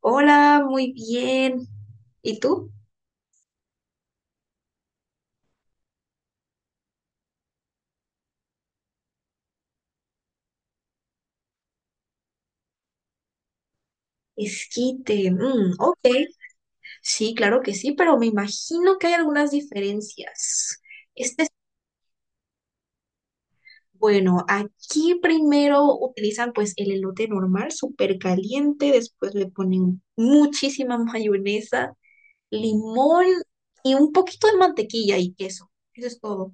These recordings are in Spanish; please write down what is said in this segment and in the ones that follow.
Hola, muy bien. ¿Y tú? Esquite. Mm, ok, sí, claro que sí, pero me imagino que hay algunas diferencias. Este es, bueno, aquí primero utilizan pues el elote normal, súper caliente, después le ponen muchísima mayonesa, limón y un poquito de mantequilla y queso. Eso es todo.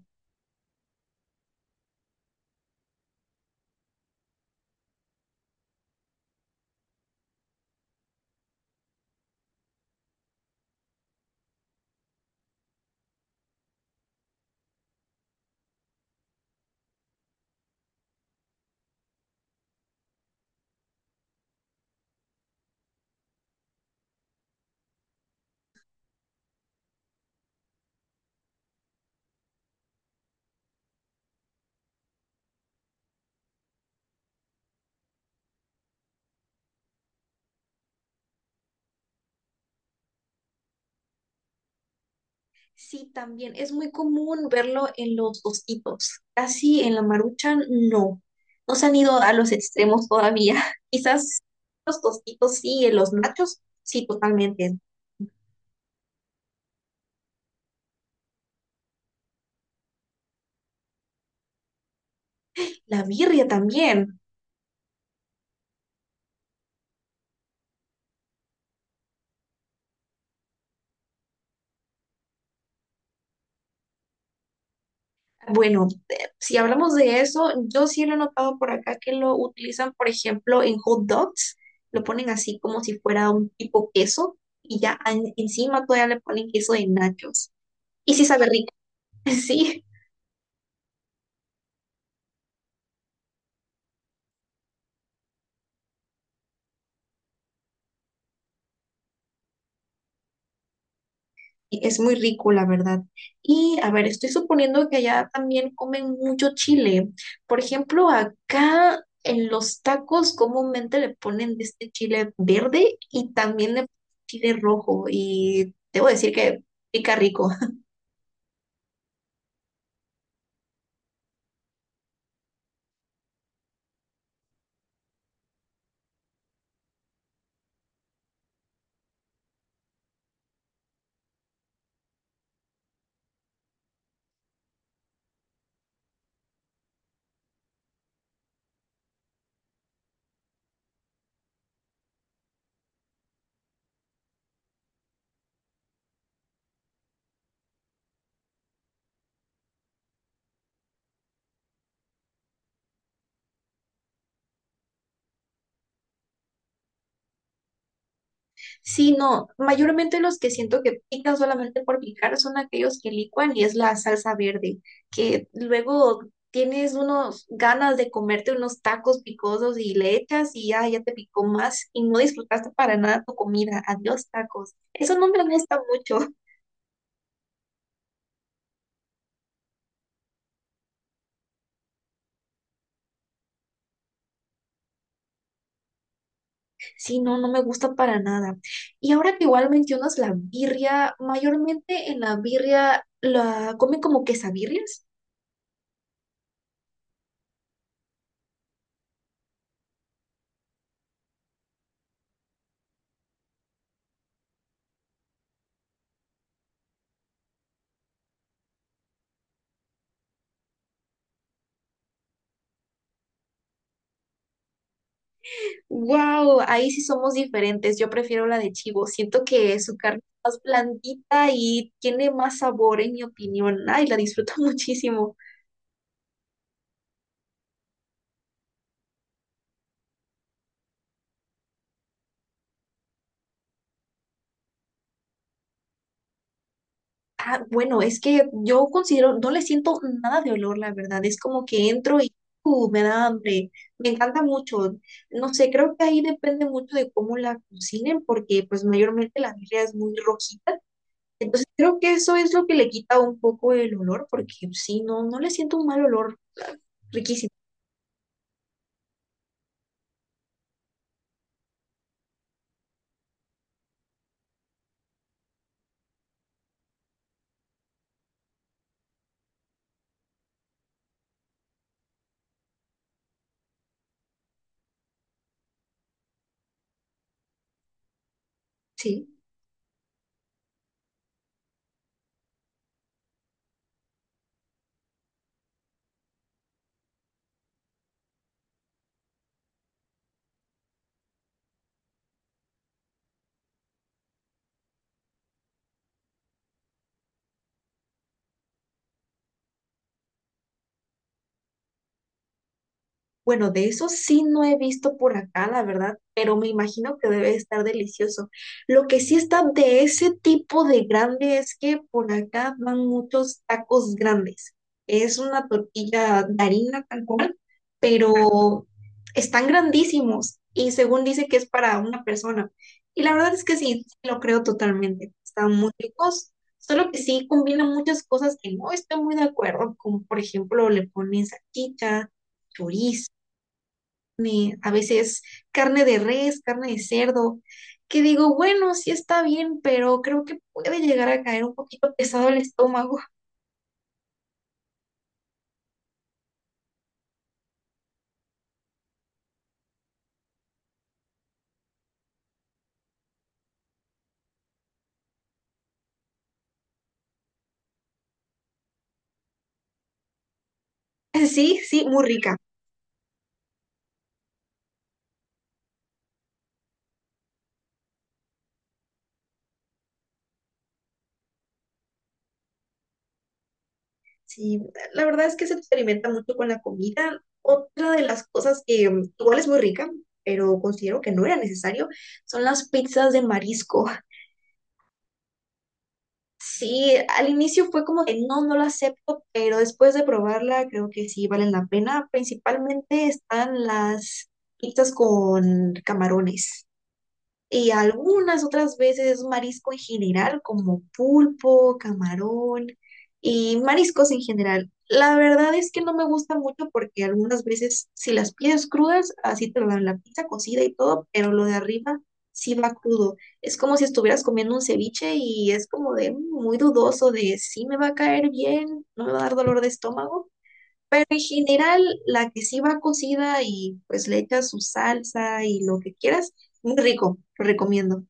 Sí, también es muy común verlo en los osquitos, casi en la marucha no. No se han ido a los extremos todavía. Quizás los tostitos sí, en los nachos sí, totalmente. La birria también. Bueno, si hablamos de eso, yo sí lo he notado por acá que lo utilizan, por ejemplo, en hot dogs. Lo ponen así como si fuera un tipo queso y ya encima todavía le ponen queso de nachos. Y sí sabe rico, sí. Es muy rico, la verdad. Y a ver, estoy suponiendo que allá también comen mucho chile. Por ejemplo, acá en los tacos comúnmente le ponen de este chile verde y también de chile rojo. Y debo decir que pica rico. Sí, no, mayormente los que siento que pican solamente por picar son aquellos que licuan y es la salsa verde, que luego tienes unos ganas de comerte unos tacos picosos y le echas y ya, ya te picó más y no disfrutaste para nada tu comida. Adiós, tacos. Eso no me gusta mucho. Sí, no, no me gusta para nada. Y ahora que igual mencionas la birria, mayormente en la birria la comen como quesabirrias. Wow, ahí sí somos diferentes. Yo prefiero la de chivo. Siento que su carne es más blandita y tiene más sabor, en mi opinión. Ay, la disfruto muchísimo. Ah, bueno, es que yo considero, no le siento nada de olor, la verdad. Es como que entro y me da hambre. Me encanta mucho. No sé, creo que ahí depende mucho de cómo la cocinen, porque pues mayormente la birria es muy rojita. Entonces creo que eso es lo que le quita un poco el olor, porque pues, sí, no, no le siento un mal olor. Riquísimo. Sí. Bueno, de eso sí no he visto por acá, la verdad, pero me imagino que debe estar delicioso. Lo que sí está de ese tipo de grande es que por acá van muchos tacos grandes. Es una tortilla de harina tal cual, pero están grandísimos y según dice que es para una persona. Y la verdad es que sí, sí lo creo totalmente. Están muy ricos, solo que sí combinan muchas cosas que no estoy muy de acuerdo, como por ejemplo le ponen salchicha, chorizo, ni a veces carne de res, carne de cerdo, que digo, bueno, sí está bien, pero creo que puede llegar a caer un poquito pesado el estómago. Sí, sí, muy rica. Sí, la verdad es que se experimenta mucho con la comida. Otra de las cosas que igual es muy rica, pero considero que no era necesario, son las pizzas de marisco. Sí, al inicio fue como que no, no lo acepto, pero después de probarla creo que sí valen la pena. Principalmente están las pizzas con camarones. Y algunas otras veces es marisco en general, como pulpo, camarón y mariscos en general. La verdad es que no me gusta mucho porque algunas veces si las pides crudas, así te lo dan la pizza cocida y todo, pero lo de arriba sí va crudo. Es como si estuvieras comiendo un ceviche y es como de "Mm, muy dudoso de si me va a caer bien, no me va a dar dolor de estómago". Pero en general, la que sí va cocida y pues le echas su salsa y lo que quieras, muy rico, lo recomiendo.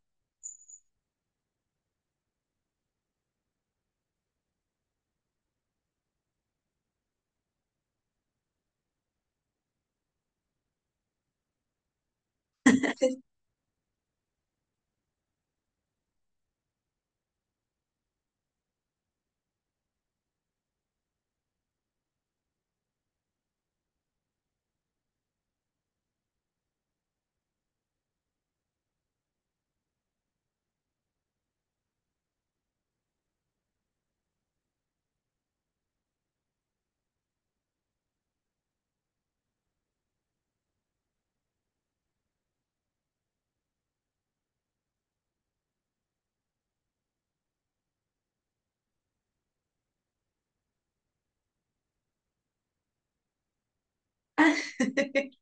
Ah,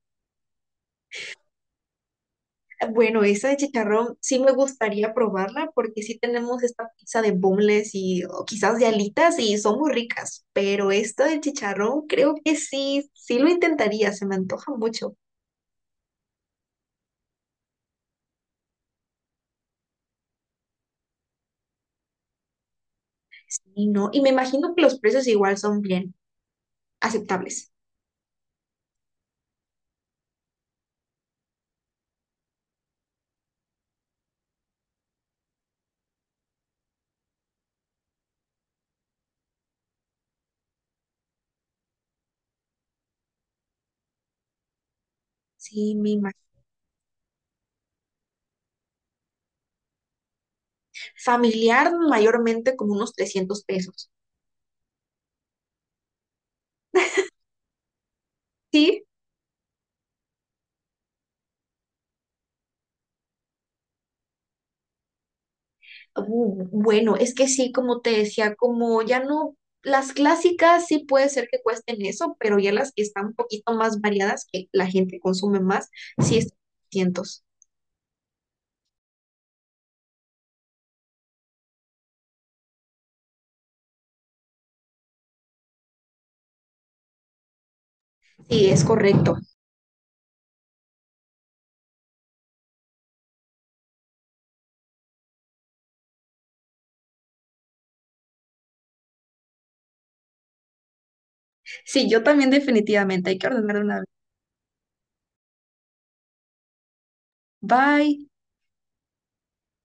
bueno, esa de chicharrón sí me gustaría probarla porque sí tenemos esta pizza de boneless y o quizás de alitas y son muy ricas, pero esta de chicharrón creo que sí, sí lo intentaría, se me antoja mucho. Y no, y me imagino que los precios igual son bien aceptables. Sí, me imagino. Familiar mayormente como unos 300 pesos. Sí. Bueno, es que sí, como te decía, como ya no, las clásicas sí puede ser que cuesten eso, pero ya las que están un poquito más variadas, que la gente consume más, sí están cientos. Sí, es correcto. Sí, yo también definitivamente hay que ordenar una vez. Bye.